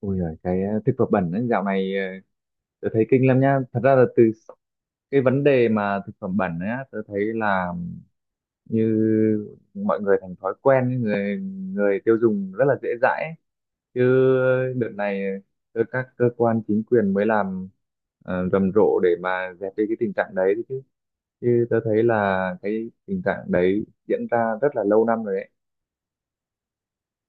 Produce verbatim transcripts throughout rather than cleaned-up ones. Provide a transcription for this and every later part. Ôi giời, cái ờ, thực phẩm bẩn ấy, dạo này ờ, tớ thấy kinh lắm nhá. Thật ra là từ cái vấn đề mà thực phẩm bẩn ấy, á, tớ thấy là như mọi người thành thói quen, ấy, người người tiêu dùng rất là dễ dãi, ấy. Chứ đợt này ờ, các cơ quan chính quyền mới làm ờ, rầm rộ để mà dẹp đi cái tình trạng đấy đấy chứ. Chứ tớ thấy là cái tình trạng đấy diễn ra rất là lâu năm rồi đấy.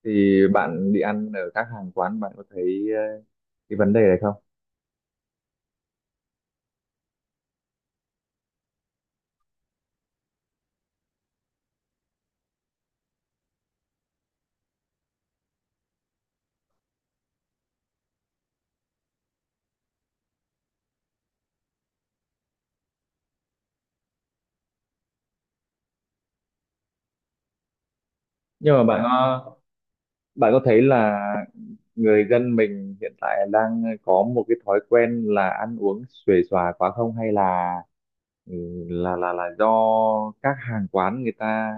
Thì bạn đi ăn ở các hàng quán bạn có thấy ờ, cái vấn đề này không? Nhưng mà bạn bạn có thấy là người dân mình hiện tại đang có một cái thói quen là ăn uống xuề xòa quá không, hay là ừ, là là là do các hàng quán người ta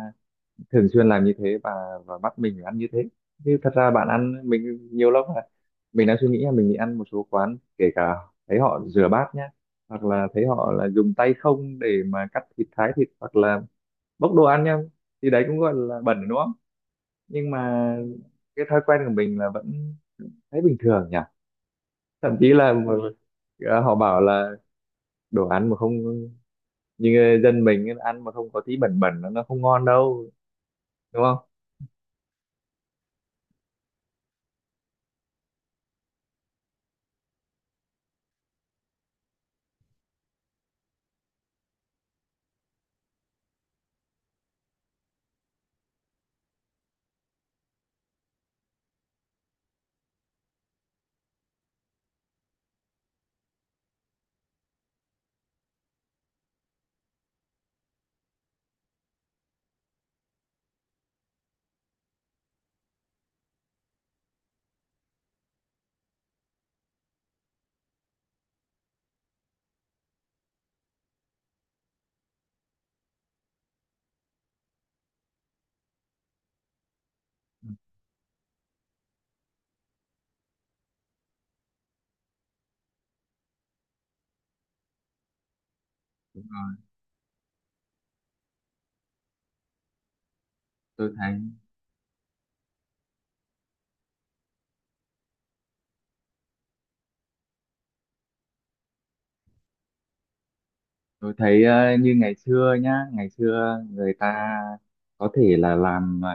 thường xuyên làm như thế, và và bắt mình phải ăn như thế? Chứ thật ra bạn ăn mình nhiều lắm là mình đang suy nghĩ là mình đi ăn một số quán, kể cả thấy họ rửa bát nhá, hoặc là thấy họ là dùng tay không để mà cắt thịt, thái thịt, hoặc là bốc đồ ăn nhá, thì đấy cũng gọi là bẩn đúng không? Nhưng mà cái thói quen của mình là vẫn thấy bình thường nhỉ. Thậm chí là mà- ờ, họ bảo là đồ ăn mà không như dân mình ấy, ăn mà không có tí bẩn bẩn nó nó không ngon đâu, đúng không? Đúng rồi, tôi thấy Tôi thấy ờ, như ngày xưa nhá, ngày xưa người ta có thể là làm ờ,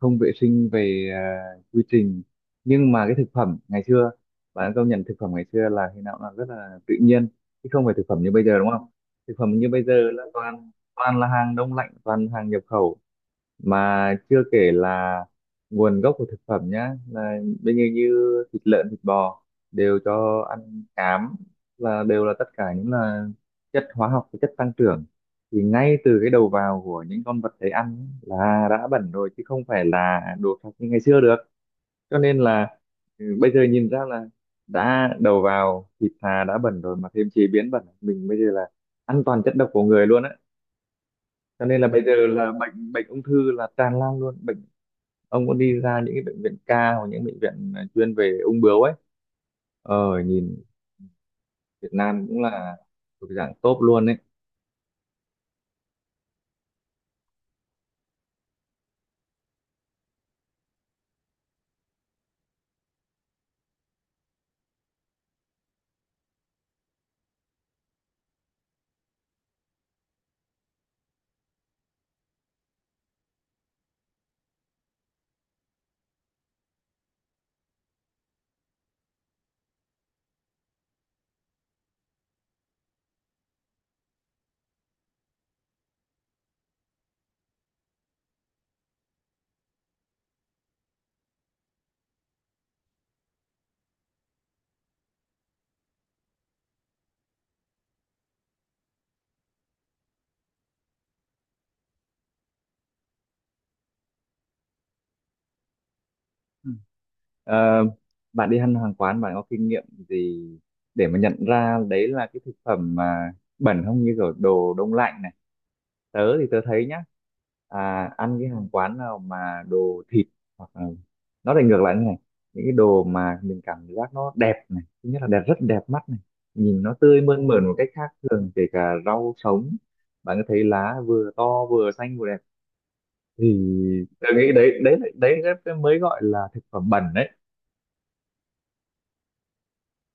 không vệ sinh về ờ, quy trình, nhưng mà cái thực phẩm ngày xưa, bạn công nhận thực phẩm ngày xưa là khi nào cũng là rất là tự nhiên, chứ không phải thực phẩm như bây giờ đúng không? Thực phẩm như bây giờ là toàn toàn là hàng đông lạnh, toàn hàng nhập khẩu. Mà chưa kể là nguồn gốc của thực phẩm nhá, là bây giờ như thịt lợn thịt bò đều cho ăn cám, là đều là tất cả những là chất hóa học và chất tăng trưởng. Thì ngay từ cái đầu vào của những con vật đấy ăn ấy là đã bẩn rồi, chứ không phải là đồ sạch như ngày xưa được. Cho nên là ừ, bây giờ nhìn ra là đã đầu vào thịt thà đã bẩn rồi mà thêm chế biến bẩn, mình bây giờ là ăn toàn chất độc của người luôn á. Cho nên là bây giờ là bệnh bệnh ung thư là tràn lan luôn. Bệnh, ông có đi ra những cái bệnh viện ca hoặc những bệnh viện à, chuyên về ung bướu ấy, ờ nhìn Việt Nam cũng là thuộc dạng top luôn ấy. Ừ. Ờ, bạn đi ăn hàng quán bạn có kinh nghiệm gì để mà nhận ra đấy là cái thực phẩm mà bẩn không, như kiểu đồ đông lạnh này? Tớ thì tớ thấy nhá, à, ăn cái hàng quán nào mà đồ thịt hoặc là, nó lại ngược lại như này, những cái đồ mà mình cảm giác nó đẹp này, thứ nhất là đẹp, rất đẹp mắt này, nhìn nó tươi mơn mởn một cách khác thường, kể cả rau sống bạn có thấy lá vừa to vừa xanh vừa đẹp, thì tôi nghĩ đấy đấy đấy, đấy mới gọi là thực phẩm bẩn đấy,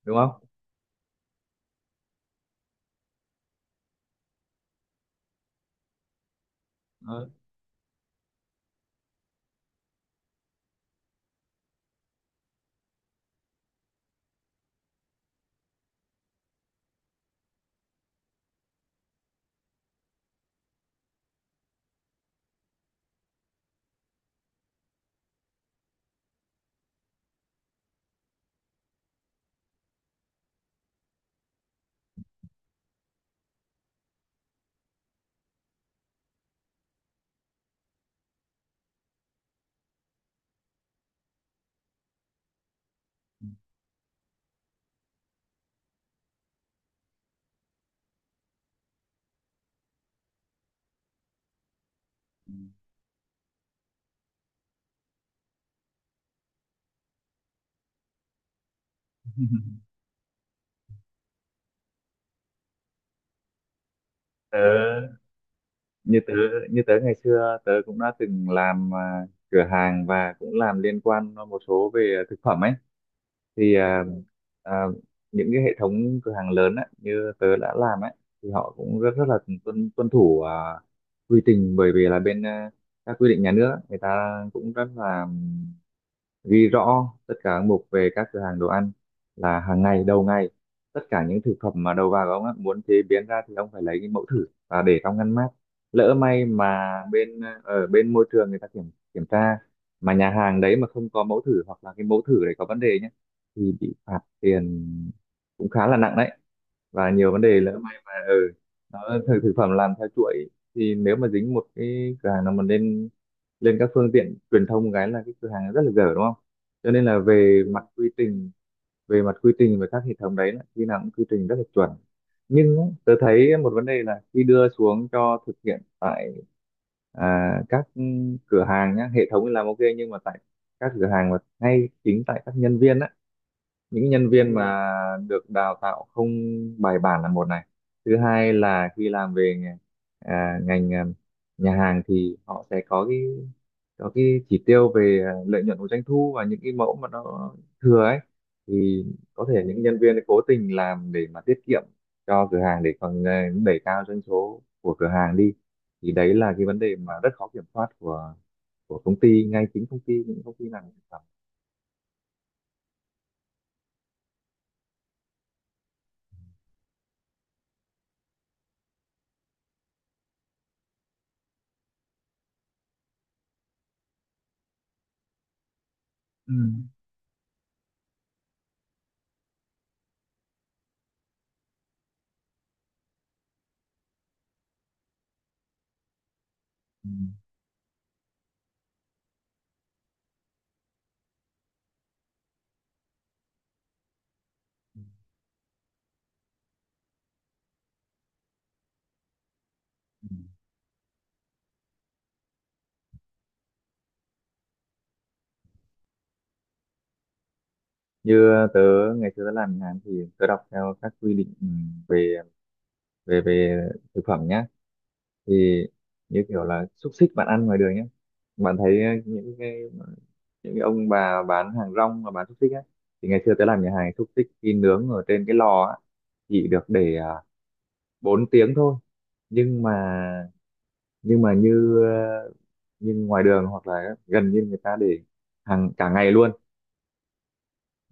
đúng không? Đó. Tớ như tớ như tớ ngày xưa tớ cũng đã từng làm à, cửa hàng, và cũng làm liên quan một số về thực phẩm ấy, thì à, à, những cái hệ thống cửa hàng lớn ấy, như tớ đã làm ấy, thì họ cũng rất rất là tuân tuân thủ à, quy trình. Bởi vì là bên à, các quy định nhà nước ấy, người ta cũng rất là ghi rõ tất cả các mục về các cửa hàng đồ ăn, là hàng ngày, đầu ngày, tất cả những thực phẩm mà đầu vào của ông á, muốn chế biến ra thì ông phải lấy cái mẫu thử và để trong ngăn mát. Lỡ may mà bên ở bên môi trường người ta kiểm kiểm tra mà nhà hàng đấy mà không có mẫu thử, hoặc là cái mẫu thử đấy có vấn đề nhé, thì bị phạt tiền cũng khá là nặng đấy. Và nhiều vấn đề lỡ may mà ở ừ, nó thực thực phẩm làm theo chuỗi, thì nếu mà dính một cái cửa hàng nào mà lên, lên các phương tiện truyền thông cái là cái cửa hàng rất là dở đúng không? Cho nên là về mặt quy trình, về mặt quy trình và các hệ thống đấy là khi nào cũng quy trình rất là chuẩn. Nhưng ấy, tớ thấy một vấn đề là khi đưa xuống cho thực hiện tại à, các cửa hàng nhá, hệ thống thì làm ok, nhưng mà tại các cửa hàng mà ngay chính tại các nhân viên á, những nhân viên mà được đào tạo không bài bản là một này, thứ hai là khi làm về nghề- à, ngành à, nhà hàng thì họ sẽ có cái có cái chỉ tiêu về à, lợi nhuận của doanh thu, và những cái mẫu mà nó thừa ấy, thì có thể những nhân viên ấy cố tình làm để mà tiết kiệm cho cửa hàng để còn à, đẩy cao doanh số của cửa hàng đi. Thì đấy là cái vấn đề mà rất khó kiểm soát của của công ty, ngay chính công ty, những công ty làm thực phẩm. Ừ. Ừ. Như tớ ngày xưa tớ làm nhà hàng thì tớ đọc theo các quy định ừ, về về về thực phẩm nhá, thì như kiểu là xúc xích bạn ăn ngoài đường nhé, bạn thấy ờ, những cái những cái ông bà bán hàng rong mà bán xúc xích á, thì ngày xưa tớ làm nhà hàng xúc xích khi nướng ở trên cái lò á chỉ được để à, bốn tiếng thôi. Nhưng mà nhưng mà như ờ, như ngoài đường hoặc là gần như người ta để hàng cả ngày luôn,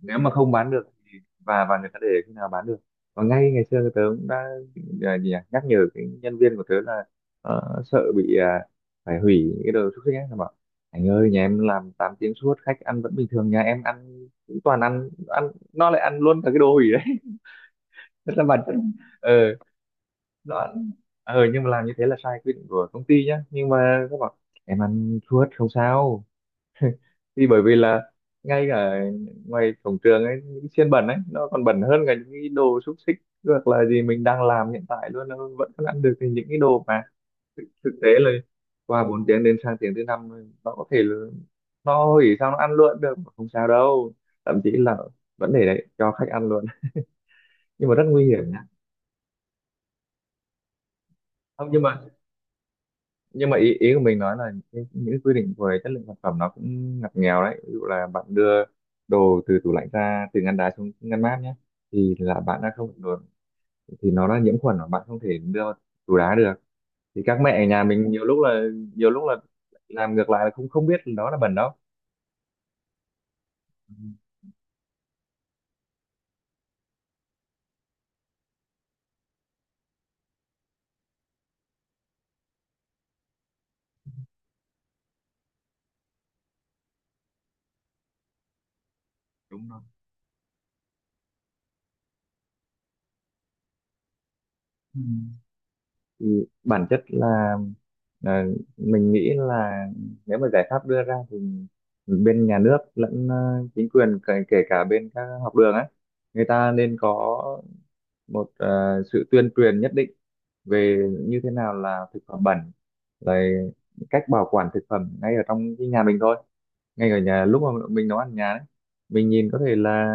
nếu mà không bán được thì, và và người ta để khi nào bán được. Và ngay ngày xưa tớ cũng đã à, gì nhỉ, nhắc nhở cái nhân viên của tớ là ờ, sợ bị à, phải hủy những cái đồ xúc xích ấy, nó bảo anh ơi nhà em làm tám tiếng suốt khách ăn vẫn bình thường, nhà em ăn cũng toàn ăn ăn nó lại ăn luôn cả cái đồ hủy đấy. Rất là bản chất. ờ nó ăn, ờ nhưng mà làm như thế là sai quy định của công ty nhá, nhưng mà các bạn, em ăn suốt không sao. Thì bởi vì là ngay cả ngoài cổng trường ấy, những xiên bẩn ấy nó còn bẩn hơn cả những cái đồ xúc xích hoặc là gì mình đang làm hiện tại luôn, nó vẫn còn ăn được thì những cái đồ mà thực tế là qua bốn tiếng đến sang tiếng thứ năm nó có thể là no hủy, sao nó ăn luôn được không sao đâu, thậm chí là vẫn để đấy cho khách ăn luôn, nhưng mà rất nguy hiểm nhá. Không, nhưng mà nhưng mà ý ý của mình nói là những, những quy định về chất lượng sản phẩm nó cũng ngặt nghèo đấy. Ví dụ là bạn đưa đồ từ tủ lạnh ra từ ngăn đá xuống ngăn mát nhé, thì là bạn đã không được, thì nó đã nhiễm khuẩn và bạn không thể đưa vào tủ đá được. Thì các mẹ ở nhà mình nhiều lúc là, nhiều lúc là làm ngược lại là không, không biết đó là bẩn đâu. Ừ, đúng rồi, thì bản chất là là mình nghĩ là nếu mà giải pháp đưa ra thì bên nhà nước lẫn ờ, chính quyền, kể, kể cả bên các học đường á, người ta nên có một ờ, sự tuyên truyền nhất định về như thế nào là thực phẩm bẩn, rồi cách bảo quản thực phẩm ngay ở trong cái nhà mình thôi, ngay ở nhà lúc mà mình nấu ăn ở nhà đấy, mình nhìn có thể là,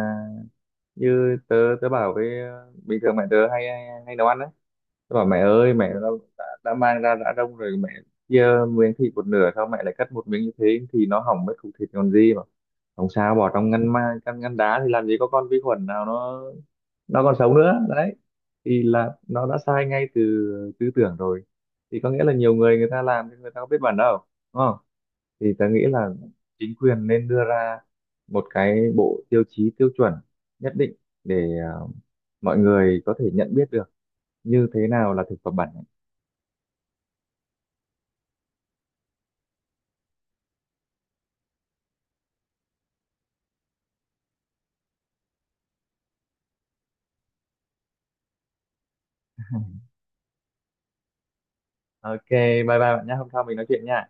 như tớ, tớ bảo với ờ, bình thường mẹ tớ hay hay, hay nấu ăn đấy. Tôi bảo mẹ ơi, mẹ đã, đã, đã mang ra đã đông rồi mẹ chia miếng thịt một nửa, sao mẹ lại cắt một miếng như thế thì nó hỏng mấy cục thịt còn gì. Mà không sao, bỏ trong ngăn ma ngăn ngăn đá thì làm gì có con vi khuẩn nào nó nó còn sống nữa đấy. Thì là nó đã sai ngay từ tư tưởng rồi, thì có nghĩa là nhiều người, người ta làm nhưng người ta có biết bản đâu, đúng không? Thì ta nghĩ là chính quyền nên đưa ra một cái bộ tiêu chí, tiêu chuẩn nhất định để à, mọi người có thể nhận biết được như thế nào là thực phẩm bẩn. Ok, bye bye bạn nhé, hôm sau mình nói chuyện nha.